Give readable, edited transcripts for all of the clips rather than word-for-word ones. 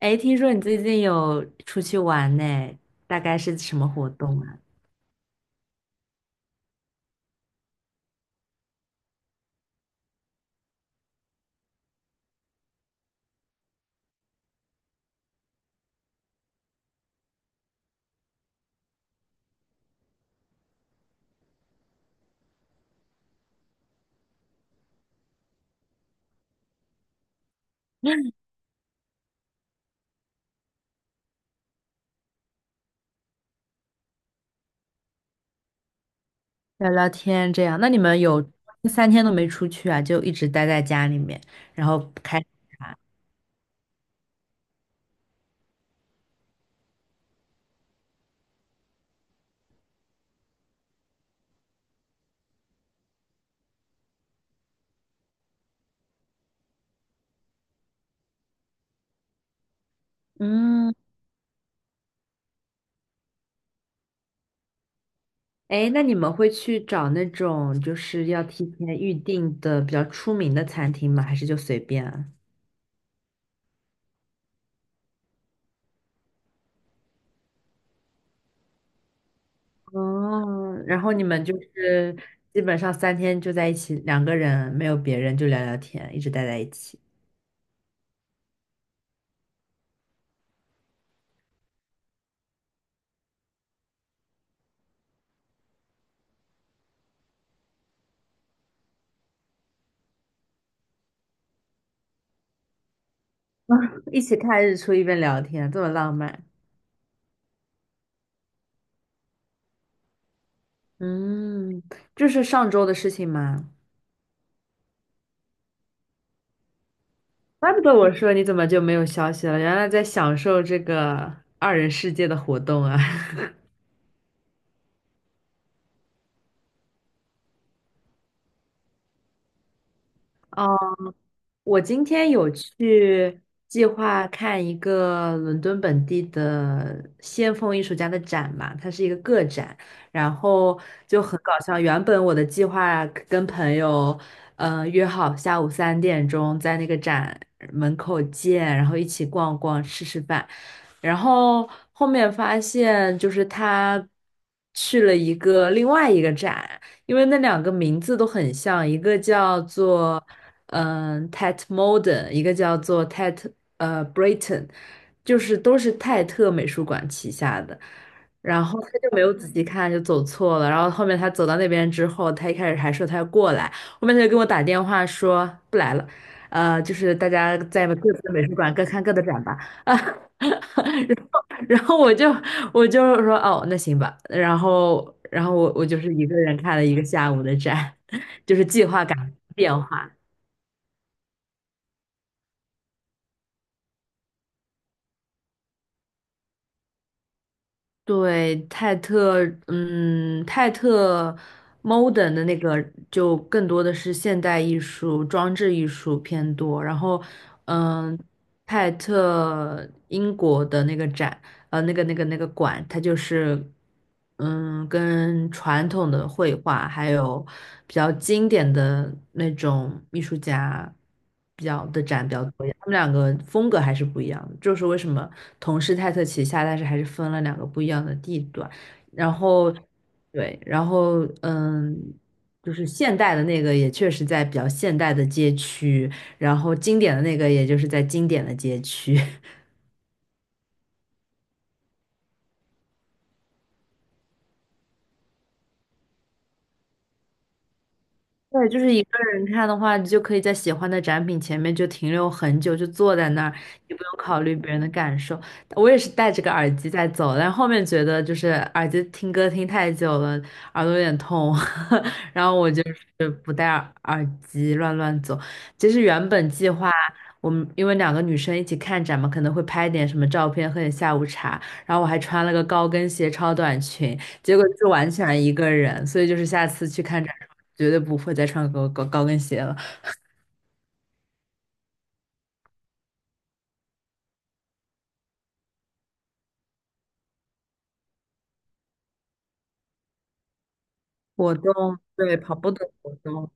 哎，听说你最近有出去玩呢，大概是什么活动啊？聊聊天这样，那你们有三天都没出去啊，就一直待在家里面，然后开，嗯，哎，那你们会去找那种就是要提前预定的比较出名的餐厅吗？还是就随便啊？哦，然后你们就是基本上三天就在一起，两个人没有别人就聊聊天，一直待在一起，一起看日出一边聊天，这么浪漫。嗯，这是上周的事情嘛，怪不得我说你怎么就没有消息了，原来在享受这个二人世界的活动啊！我今天有去计划看一个伦敦本地的先锋艺术家的展嘛，它是一个个展，然后就很搞笑。原本我的计划跟朋友，约好下午3点钟在那个展门口见，然后一起逛逛吃吃饭，然后后面发现就是他去了一个另外一个展，因为那两个名字都很像，一个叫做。T e t Modern，一个叫做 t a t Britain，就是都是泰特美术馆旗下的。然后他就没有仔细看，就走错了。然后后面他走到那边之后，他一开始还说他要过来，后面他就给我打电话说不来了，就是大家在各自的美术馆各看各的展吧。啊，然后我就说哦，那行吧。然后我就是一个人看了一个下午的展，就是计划赶不上变化。对，泰特 modern 的那个就更多的是现代艺术、装置艺术偏多。然后，嗯，泰特英国的那个展，那个馆，它就是，跟传统的绘画还有比较经典的那种艺术家比较的展比较多一点，他们两个风格还是不一样的。就是为什么同是泰特旗下，但是还是分了两个不一样的地段。然后，对，然后就是现代的那个也确实在比较现代的街区，然后经典的那个也就是在经典的街区。对，就是一个人看的话，你就可以在喜欢的展品前面就停留很久，就坐在那儿，也不用考虑别人的感受。我也是戴着个耳机在走，但后面觉得就是耳机听歌听太久了，耳朵有点痛，然后我就是不戴耳机乱乱走。其实原本计划我们因为两个女生一起看展嘛，可能会拍点什么照片，喝点下午茶，然后我还穿了个高跟鞋、超短裙，结果是完全一个人，所以就是下次去看展。绝对不会再穿高跟鞋了。活动，对，跑步的活动。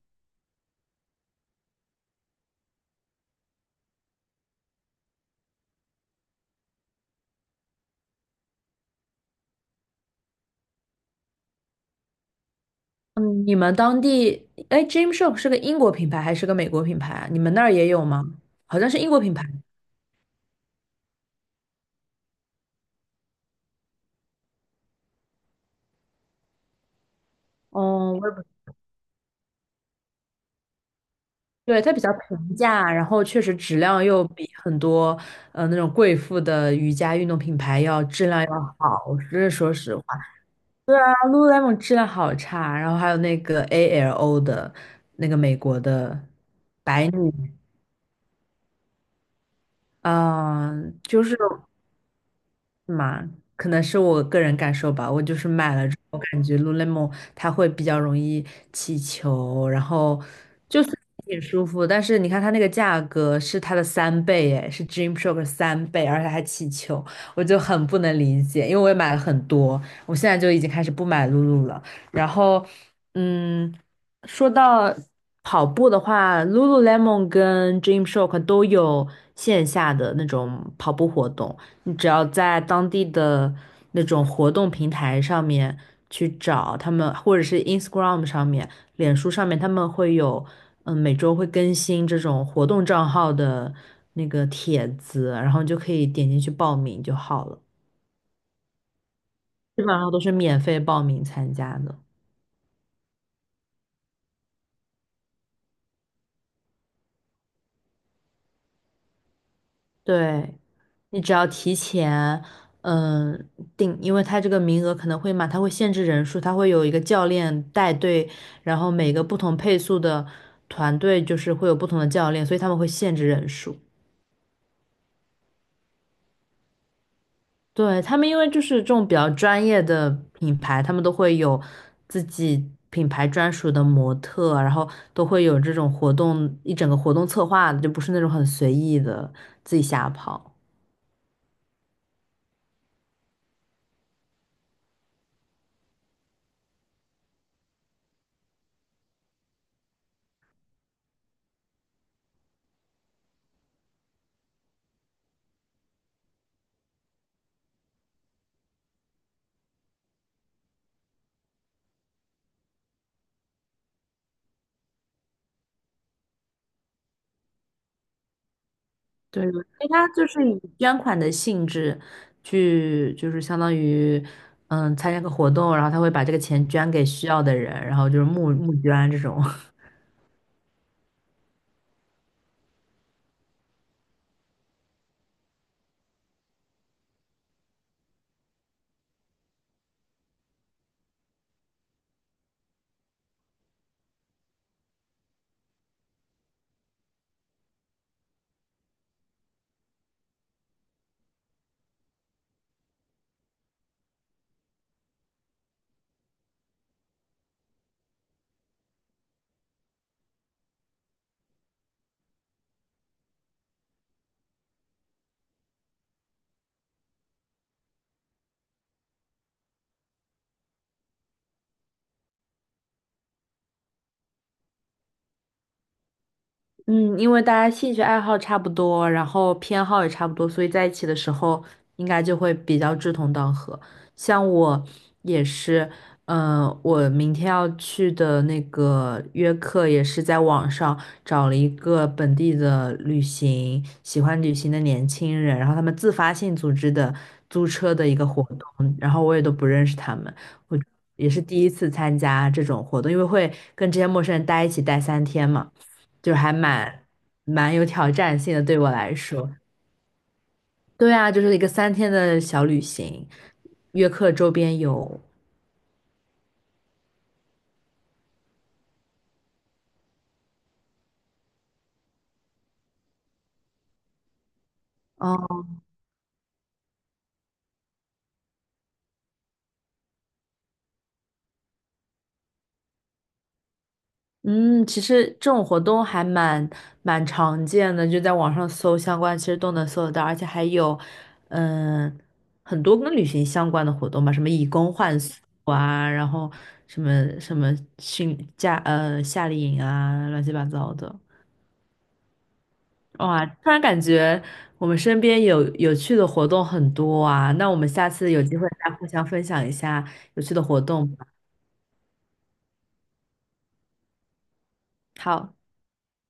嗯，你们当地，哎 g y m s h o p 是个英国品牌还是个美国品牌啊？你们那儿也有吗？好像是英国品牌。哦，我也不，对，它比较平价，然后确实质量又比很多那种贵妇的瑜伽运动品牌要质量要好，这是说实话。对啊，Lululemon 质量好差，然后还有那个 ALO 的那个美国的，嗯，就是。是嘛，可能是我个人感受吧。我就是买了之后，感觉 Lululemon 它会比较容易起球，然后就是挺舒服。但是你看它那个价格是它的三倍，哎，是 d r e a m s h o r k 3倍，而且还起球，我就很不能理解。因为我也买了很多，我现在就已经开始不买 Lulu 了。然后，嗯，说到跑步的话，Lululemon 跟 d r e a m s h o r k 都有线下的那种跑步活动。你只要在当地的那种活动平台上面去找他们，或者是 Instagram 上面、脸书上面，他们会有，每周会更新这种活动账号的那个帖子，然后你就可以点进去报名就好了。基本上都是免费报名参加的。对，你只要提前，嗯，定，因为他这个名额可能会满，他会限制人数，他会有一个教练带队，然后每个不同配速的团队就是会有不同的教练，所以他们会限制人数。对，他们因为就是这种比较专业的品牌，他们都会有自己品牌专属的模特，然后都会有这种活动，一整个活动策划的，就不是那种很随意的自己瞎跑。对，因为它就是以捐款的性质去，就是相当于，参加个活动，然后他会把这个钱捐给需要的人，然后就是募捐这种。嗯，因为大家兴趣爱好差不多，然后偏好也差不多，所以在一起的时候应该就会比较志同道合。像我也是，我明天要去的那个约克也是在网上找了一个本地的旅行，喜欢旅行的年轻人，然后他们自发性组织的租车的一个活动，然后我也都不认识他们，我也是第一次参加这种活动，因为会跟这些陌生人待一起待三天嘛。就是还蛮有挑战性的，对我来说。对啊，就是一个三天的小旅行，约克周边游。哦，嗯，其实这种活动还蛮常见的，就在网上搜相关，其实都能搜得到，而且还有，嗯，很多跟旅行相关的活动吧，什么以工换宿啊，然后什么什么训假夏令营啊，乱七八糟的。哇，突然感觉我们身边有有趣的活动很多啊，那我们下次有机会再互相分享一下有趣的活动吧。好。